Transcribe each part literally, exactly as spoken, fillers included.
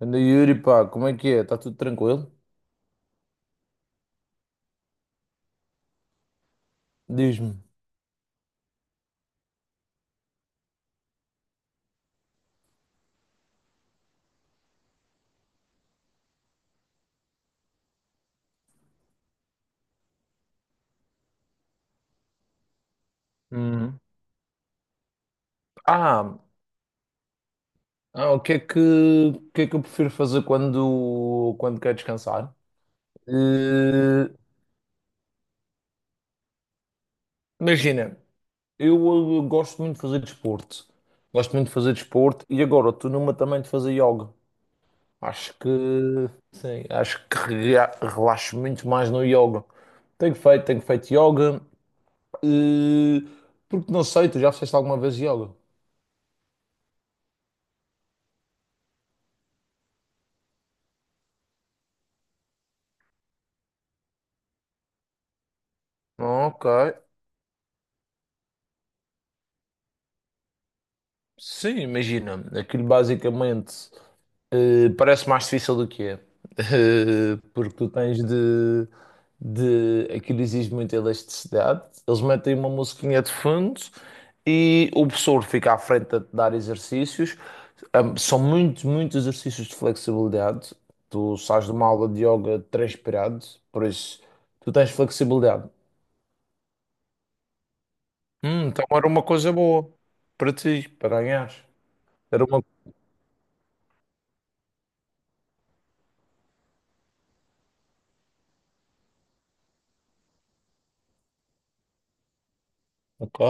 Anda, Yuri, pá, como é que é? Está tudo tranquilo? Diz-me. Hum. Ah, ah, o que é que, o que é que eu prefiro fazer quando, quando quero descansar? Eh, imagina, eu, eh, gosto muito de fazer desporto. Gosto muito de fazer desporto e agora estou numa também de fazer yoga. Acho que, sim, acho que rea- relaxo muito mais no yoga. Tenho feito, tenho feito yoga. eh, Porque não sei, tu já fizeste alguma vez yoga? Ok. Sim, imagina, aquilo basicamente eh, parece mais difícil do que é. Eh, porque tu tens de, de. Aquilo exige muita elasticidade. Eles metem uma musiquinha de fundo e o professor fica à frente a te dar exercícios. Am- São muitos, muitos exercícios de flexibilidade. Tu sais de uma aula de yoga transpirado, por isso tu tens flexibilidade. Hum, então era uma coisa boa para ti, para ganhares. Era uma. Ok.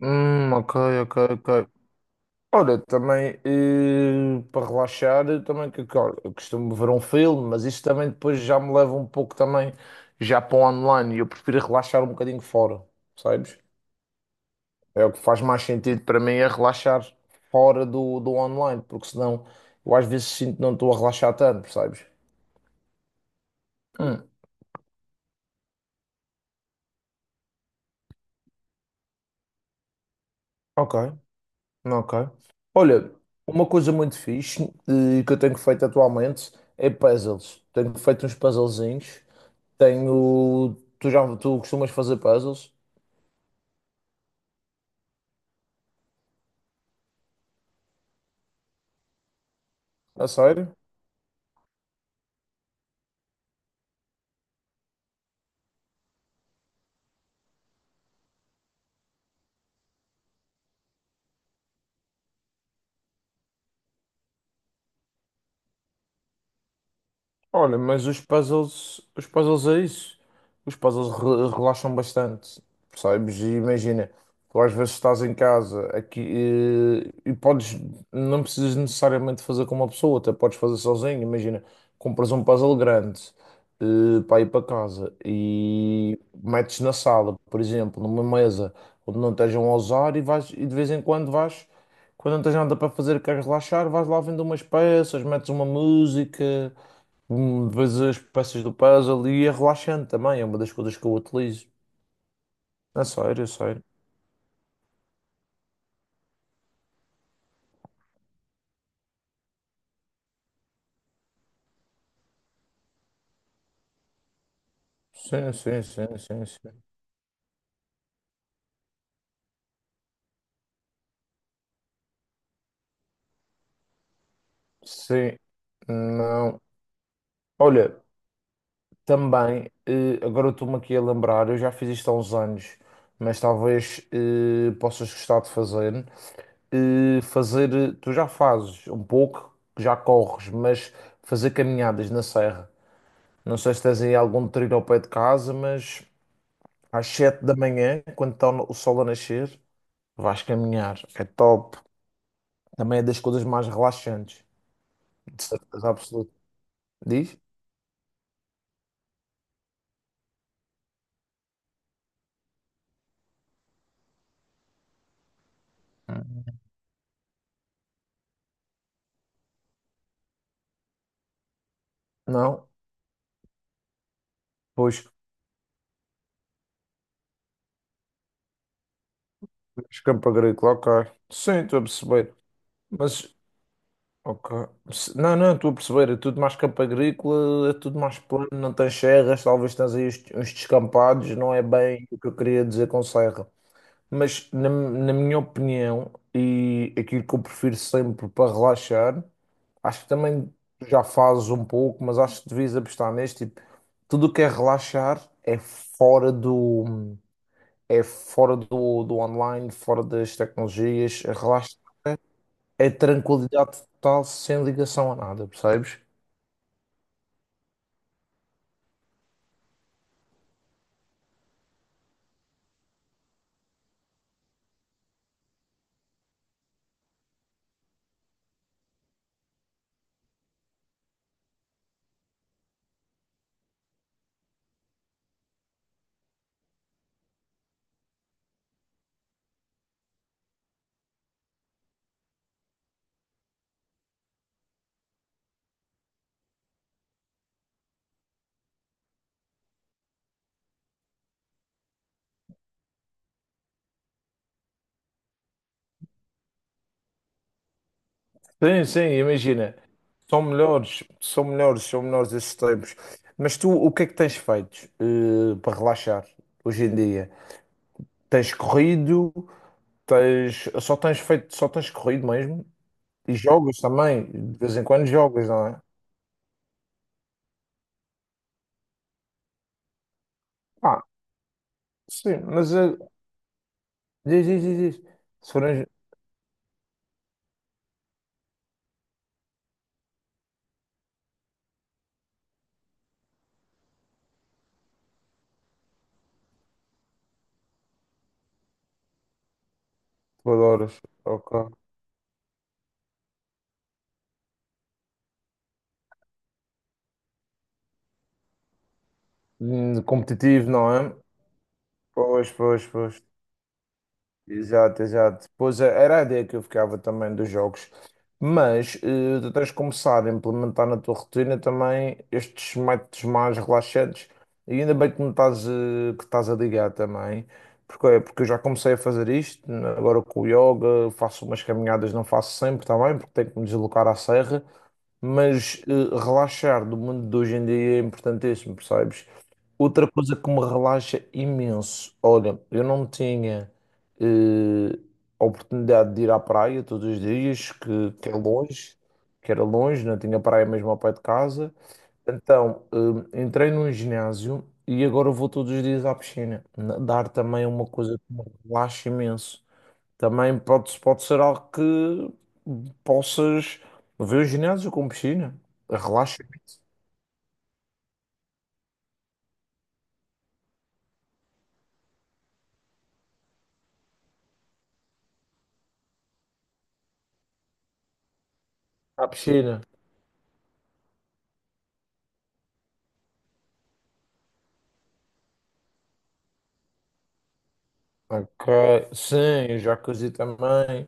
Hum, ok, ok, ok. Olha, também, eh, para relaxar, eu também que que, olha, eu costumo ver um filme, mas isso também depois já me leva um pouco também já para o online. E eu prefiro relaxar um bocadinho fora, sabes? É o que faz mais sentido para mim é relaxar fora do, do online, porque senão eu às vezes sinto que não estou a relaxar tanto, percebes? Hum, ok, ok. Olha, uma coisa muito fixe, eh, que eu tenho feito atualmente é puzzles. Tenho feito uns puzzlezinhos. Tenho. Tu já tu costumas fazer puzzles? A sério? Olha, mas os puzzles, os puzzles é isso. Os puzzles re- relaxam bastante, percebes? E imagina, tu às vezes estás em casa aqui, eh, e, podes, não precisas necessariamente fazer com uma pessoa, até podes fazer sozinho. Imagina, compras um puzzle grande, eh, para ir para casa e metes na sala, por exemplo, numa mesa onde não estejam a usar, e vais, e de vez em quando vais, quando não tens nada para fazer e queres relaxar, vais lá vendo umas peças, metes uma música. Hum. Vês as peças do puzzle e é relaxante também, é uma das coisas que eu utilizo. É sério, é sério. Sim, sim, sim, sim, sim. Sim, não. Olha, também, eh, agora eu estou-me aqui a lembrar, eu já fiz isto há uns anos, mas talvez, eh, possas gostar de fazer. Eh, fazer, eh, tu já fazes um pouco, já corres, mas fazer caminhadas na serra. Não sei se tens aí algum trilho ao pé de casa, mas às sete da manhã, quando está o sol a nascer. Vais caminhar, é top. Também é das coisas mais relaxantes, de certeza absoluta. Diz? Hum. Não? Pois, pois, campo agrícola, ok. Sim, estou a perceber. Mas, ok. Se- Não, não, estou a perceber. É tudo mais campo agrícola, é tudo mais plano, não tens serras, talvez tens aí uns, uns descampados, não é bem o que eu queria dizer com serra. Mas na, na minha opinião, e aquilo que eu prefiro sempre para relaxar, acho que também já fazes um pouco, mas acho que devias apostar neste tipo, tudo o que é relaxar é fora do, é fora do, do online, fora das tecnologias, relaxar é tranquilidade total sem ligação a nada, percebes? Sim, sim, imagina. São melhores, são melhores, são melhores esses tempos. Mas tu, o que é que tens feito, eh, para relaxar hoje em dia? Tens corrido, tens, só tens feito, só tens corrido mesmo? E jogas também, de vez em quando jogas, não é? Ah, sim, mas, eh, diz, diz, diz, diz. Se forem jogadores, ok. Hum. Competitivo, não é? Pois, pois, pois. Exato, exato. Pois é, era a ideia que eu ficava também dos jogos. Mas, eh, tu tens de começar a implementar na tua rotina também estes métodos mais relaxantes. E ainda bem que me estás, eh, que estás a ligar também. Porque, é, porque eu já comecei a fazer isto, né, agora com o yoga, faço umas caminhadas, não faço sempre também, porque tenho que me deslocar à serra, mas, eh, relaxar do mundo de hoje em dia é importantíssimo, percebes? Outra coisa que me relaxa imenso, olha, eu não tinha, eh, a oportunidade de ir à praia todos os dias, que, que é longe, que era longe, não tinha praia mesmo ao pé de casa, então, eh, entrei num ginásio e agora vou todos os dias à piscina. Nadar também é uma coisa que me relaxa imenso. Também pode, pode ser algo que possas ver o ginásio com piscina. Relaxa à piscina. Ok, sim, jacuzzi também.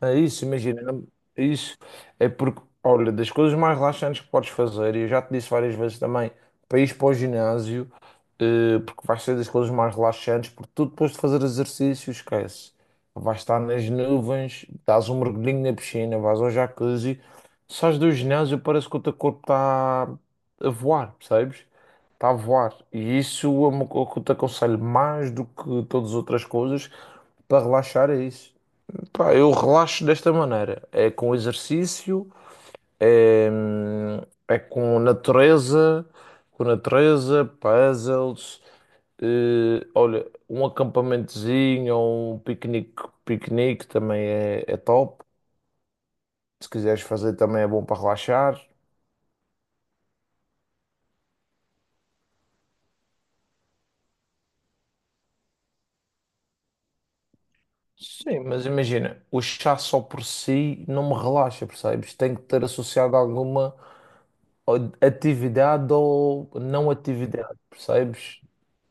É isso, imagina, não- é isso. É porque, olha, das coisas mais relaxantes que podes fazer, e eu já te disse várias vezes também, para ires para o ginásio, eh, porque vai ser das coisas mais relaxantes, porque tu depois de fazer exercício, esquece. Vais estar nas nuvens, dás um mergulhinho na piscina, vais ao jacuzzi, sais do ginásio, parece que o teu corpo está a voar, percebes? Está a voar. E isso é uma coisa que eu te aconselho mais do que todas as outras coisas, para relaxar é isso. Pá, eu relaxo desta maneira. É com exercício, é, é com natureza, com natureza, puzzles. Eh, olha, um acampamentozinho ou um piquenique, piquenique também é, é top. Se quiseres fazer também é bom para relaxar. Sim, mas imagina, o chá só por si não me relaxa, percebes? Tem que ter associado alguma atividade ou não atividade, percebes?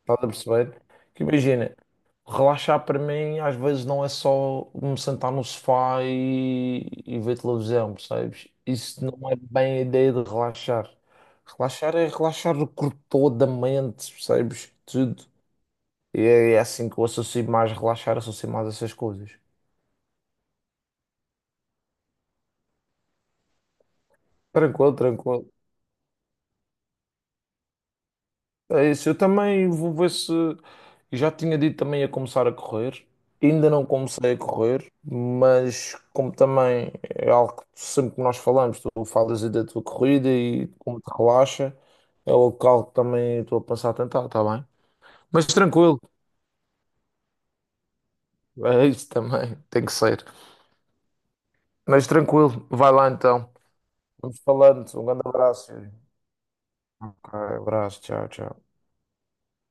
Estás a perceber? Que imagina, relaxar para mim às vezes não é só me sentar no sofá e, e ver televisão, percebes? Isso não é bem a ideia de relaxar. Relaxar é relaxar o corpo todo, a mente, percebes? Tudo. E é, é assim que eu associo mais relaxar, associo mais essas coisas. Tranquilo, tranquilo. É isso, eu também vou ver se. Eu Já tinha dito também a começar a correr. Ainda não comecei a correr, mas como também é algo que sempre que nós falamos, tu falas aí da tua corrida e como te relaxa, é algo que algo que também estou a pensar a tentar, está bem? Mas tranquilo, é isso também, tem que ser. Mas tranquilo, vai lá então. Vamos falando, um grande abraço. Yuri. Ok, abraço, tchau, tchau.